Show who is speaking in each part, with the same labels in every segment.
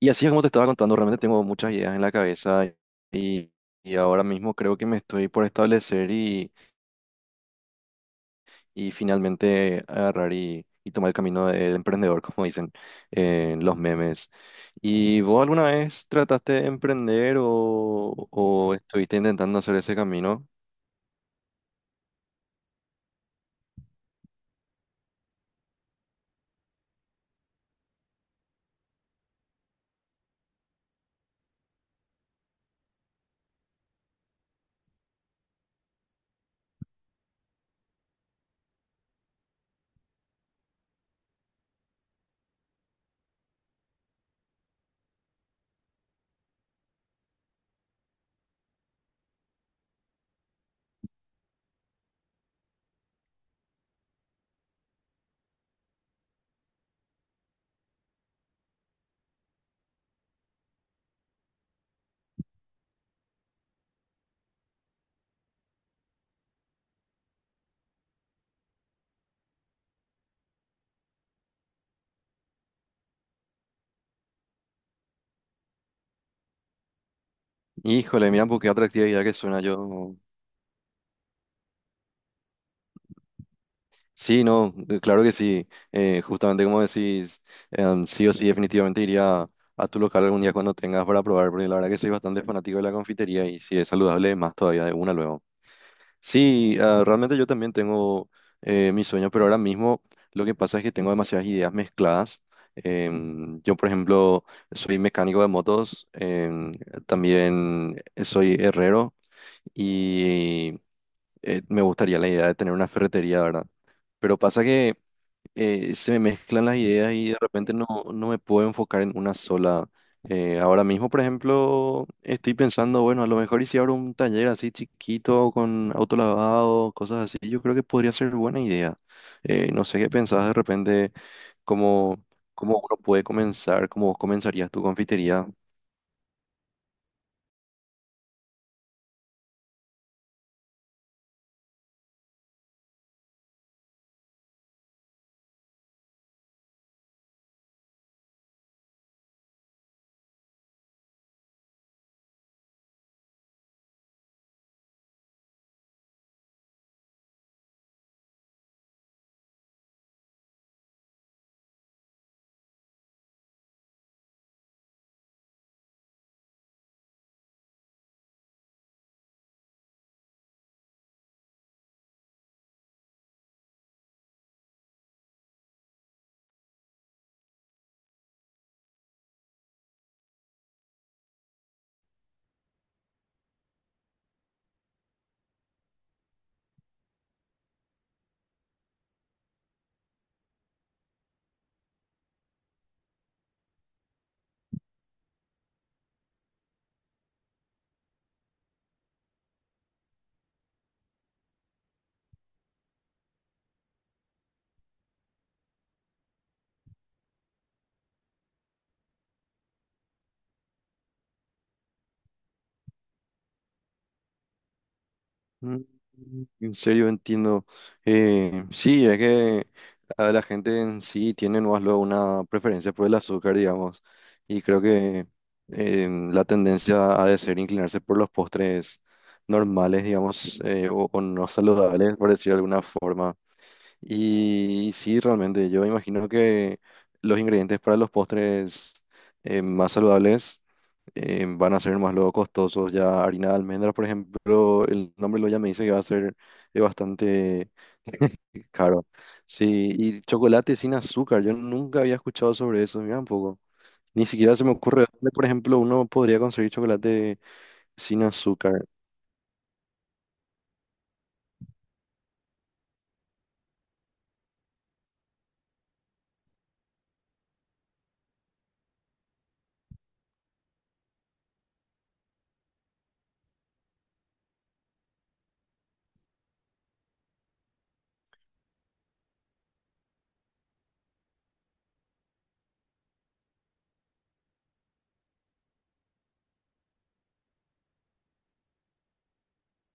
Speaker 1: Y así es como te estaba contando, realmente tengo muchas ideas en la cabeza y, y ahora mismo creo que me estoy por establecer y finalmente agarrar y tomar el camino del emprendedor, como dicen en los memes. ¿Y vos alguna vez trataste de emprender o estuviste intentando hacer ese camino? Híjole, mira, pues qué atractiva idea que suena yo. Sí, no, claro que sí. Justamente como decís, sí o sí, definitivamente iría a tu local algún día cuando tengas para probar, porque la verdad que soy bastante fanático de la confitería y si es saludable, más todavía de una luego. Sí, ah, realmente yo también tengo mis sueños, pero ahora mismo lo que pasa es que tengo demasiadas ideas mezcladas. Yo, por ejemplo, soy mecánico de motos, también soy herrero y me gustaría la idea de tener una ferretería, ¿verdad? Pero pasa que se me mezclan las ideas y de repente no me puedo enfocar en una sola. Ahora mismo, por ejemplo, estoy pensando, bueno, a lo mejor y si abro un taller así chiquito con autolavado, cosas así, yo creo que podría ser buena idea. No sé qué pensás de repente, cómo, cómo uno puede comenzar, cómo vos comenzarías tu confitería. Mm, En serio, entiendo. Sí, es que a la gente en sí tiene más luego una preferencia por el azúcar, digamos, y creo que la tendencia ha de ser inclinarse por los postres normales, digamos, o no saludables, por decir de alguna forma. Y, sí, realmente, yo imagino que los ingredientes para los postres más saludables van a ser más luego costosos. Ya harina de almendras, por ejemplo, el nombre lo ya me dice que va a ser bastante caro. Sí, y chocolate sin azúcar, yo nunca había escuchado sobre eso, mira un poco. Ni siquiera se me ocurre dónde, por ejemplo, uno podría conseguir chocolate sin azúcar.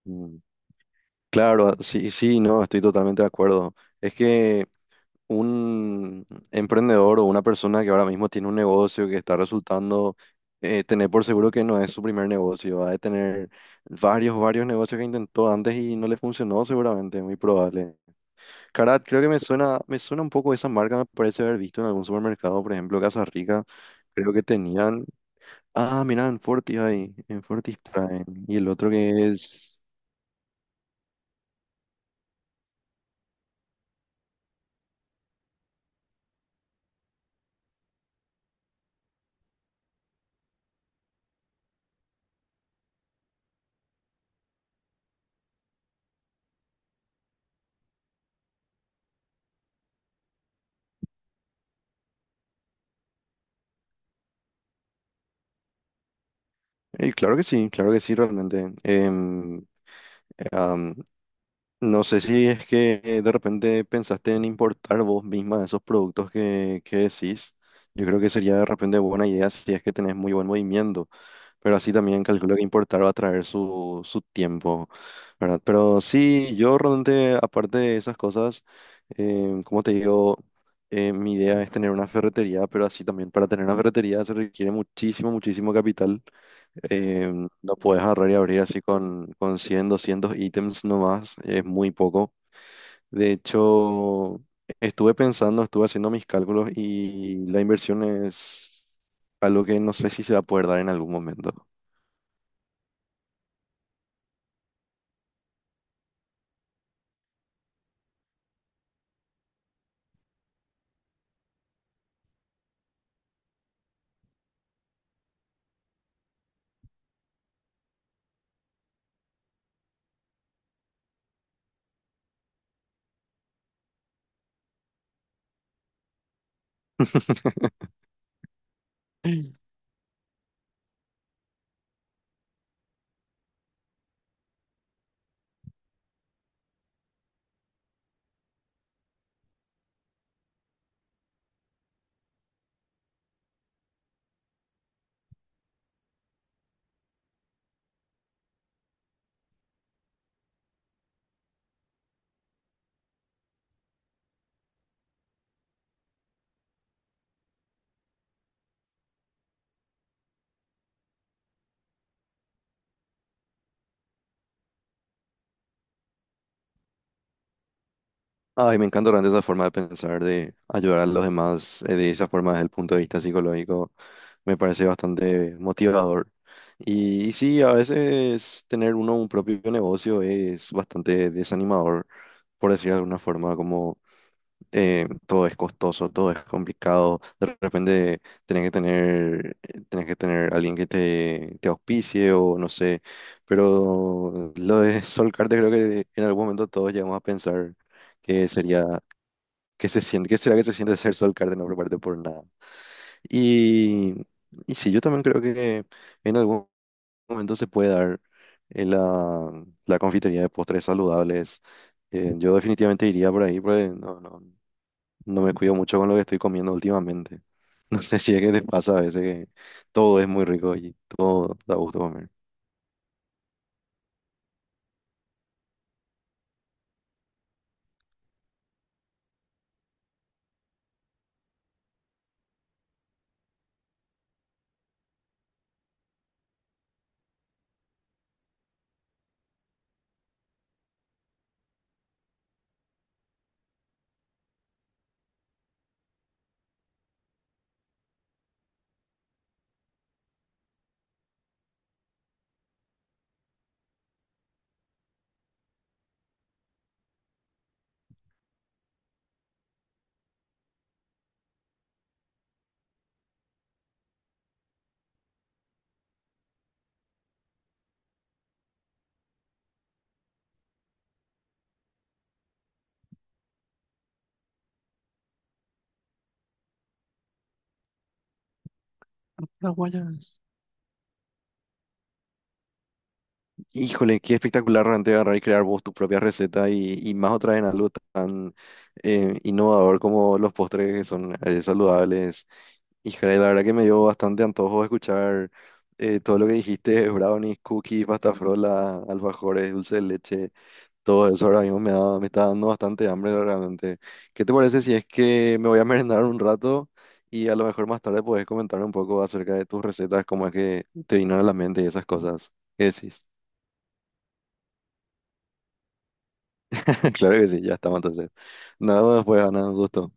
Speaker 1: Mm, Claro, sí, sí, no, estoy totalmente de acuerdo. Es que un emprendedor o una persona que ahora mismo tiene un negocio que está resultando, tener por seguro que no es su primer negocio, va a tener varios, varios negocios que intentó antes y no le funcionó seguramente, muy probable. Carat, creo que me suena un poco esa marca, me parece haber visto en algún supermercado, por ejemplo, Casa Rica, creo que tenían, ah, mirá, en Fortis ahí, en Fortis traen, y el otro que es... claro que sí, realmente. Eh, am, No sé si es que de repente pensaste en importar vos misma esos productos que decís. Yo creo que sería de repente buena idea si es que tenés muy buen movimiento, pero así también calculo que importar va a traer su tiempo, ¿verdad? Pero sí, yo realmente, aparte de esas cosas, como te digo, mi idea es tener una ferretería, pero así también para tener una ferretería se requiere muchísimo, muchísimo capital. Eh, no puedes agarrar y abrir así con 100, 200 ítems nomás, es muy poco. De hecho, estuve pensando, estuve haciendo mis cálculos y la inversión es algo que no sé si se va a poder dar en algún momento. Ay, me encanta realmente esa forma de pensar, de ayudar a los demás de esa forma desde el punto de vista psicológico. Me parece bastante motivador. Y sí, a veces tener uno un propio negocio es bastante desanimador, por decir de alguna forma, todo es costoso, todo es complicado. De repente tenés que tener alguien que te auspicie o no sé. Pero lo de solcarte creo que en algún momento todos llegamos a pensar que sería, que se siente, que será que se siente ser solcarte no prepararte por nada. Y, y sí, yo también creo que en algún momento se puede dar la confitería de postres saludables. Yo definitivamente iría por ahí, porque no, no, no me cuido mucho con lo que estoy comiendo últimamente. No sé si es que te pasa a veces que todo es muy rico y todo da gusto comer. Las guayabas. Híjole, qué espectacular realmente agarrar y crear vos tu propia receta y más otra vez en algo tan innovador como los postres que son saludables. Híjole, la verdad que me dio bastante antojo escuchar todo lo que dijiste, brownies, cookies, pasta frola, alfajores, dulce de leche. Todo eso ahora mismo me da, me está dando bastante hambre realmente. ¿Qué te parece si es que me voy a merendar un rato y a lo mejor más tarde puedes comentarme un poco acerca de tus recetas, cómo es que te vinieron a la mente y esas cosas? ¿Qué decís? Claro que sí, ya estamos entonces. Nada más, pues, Ana, un gusto.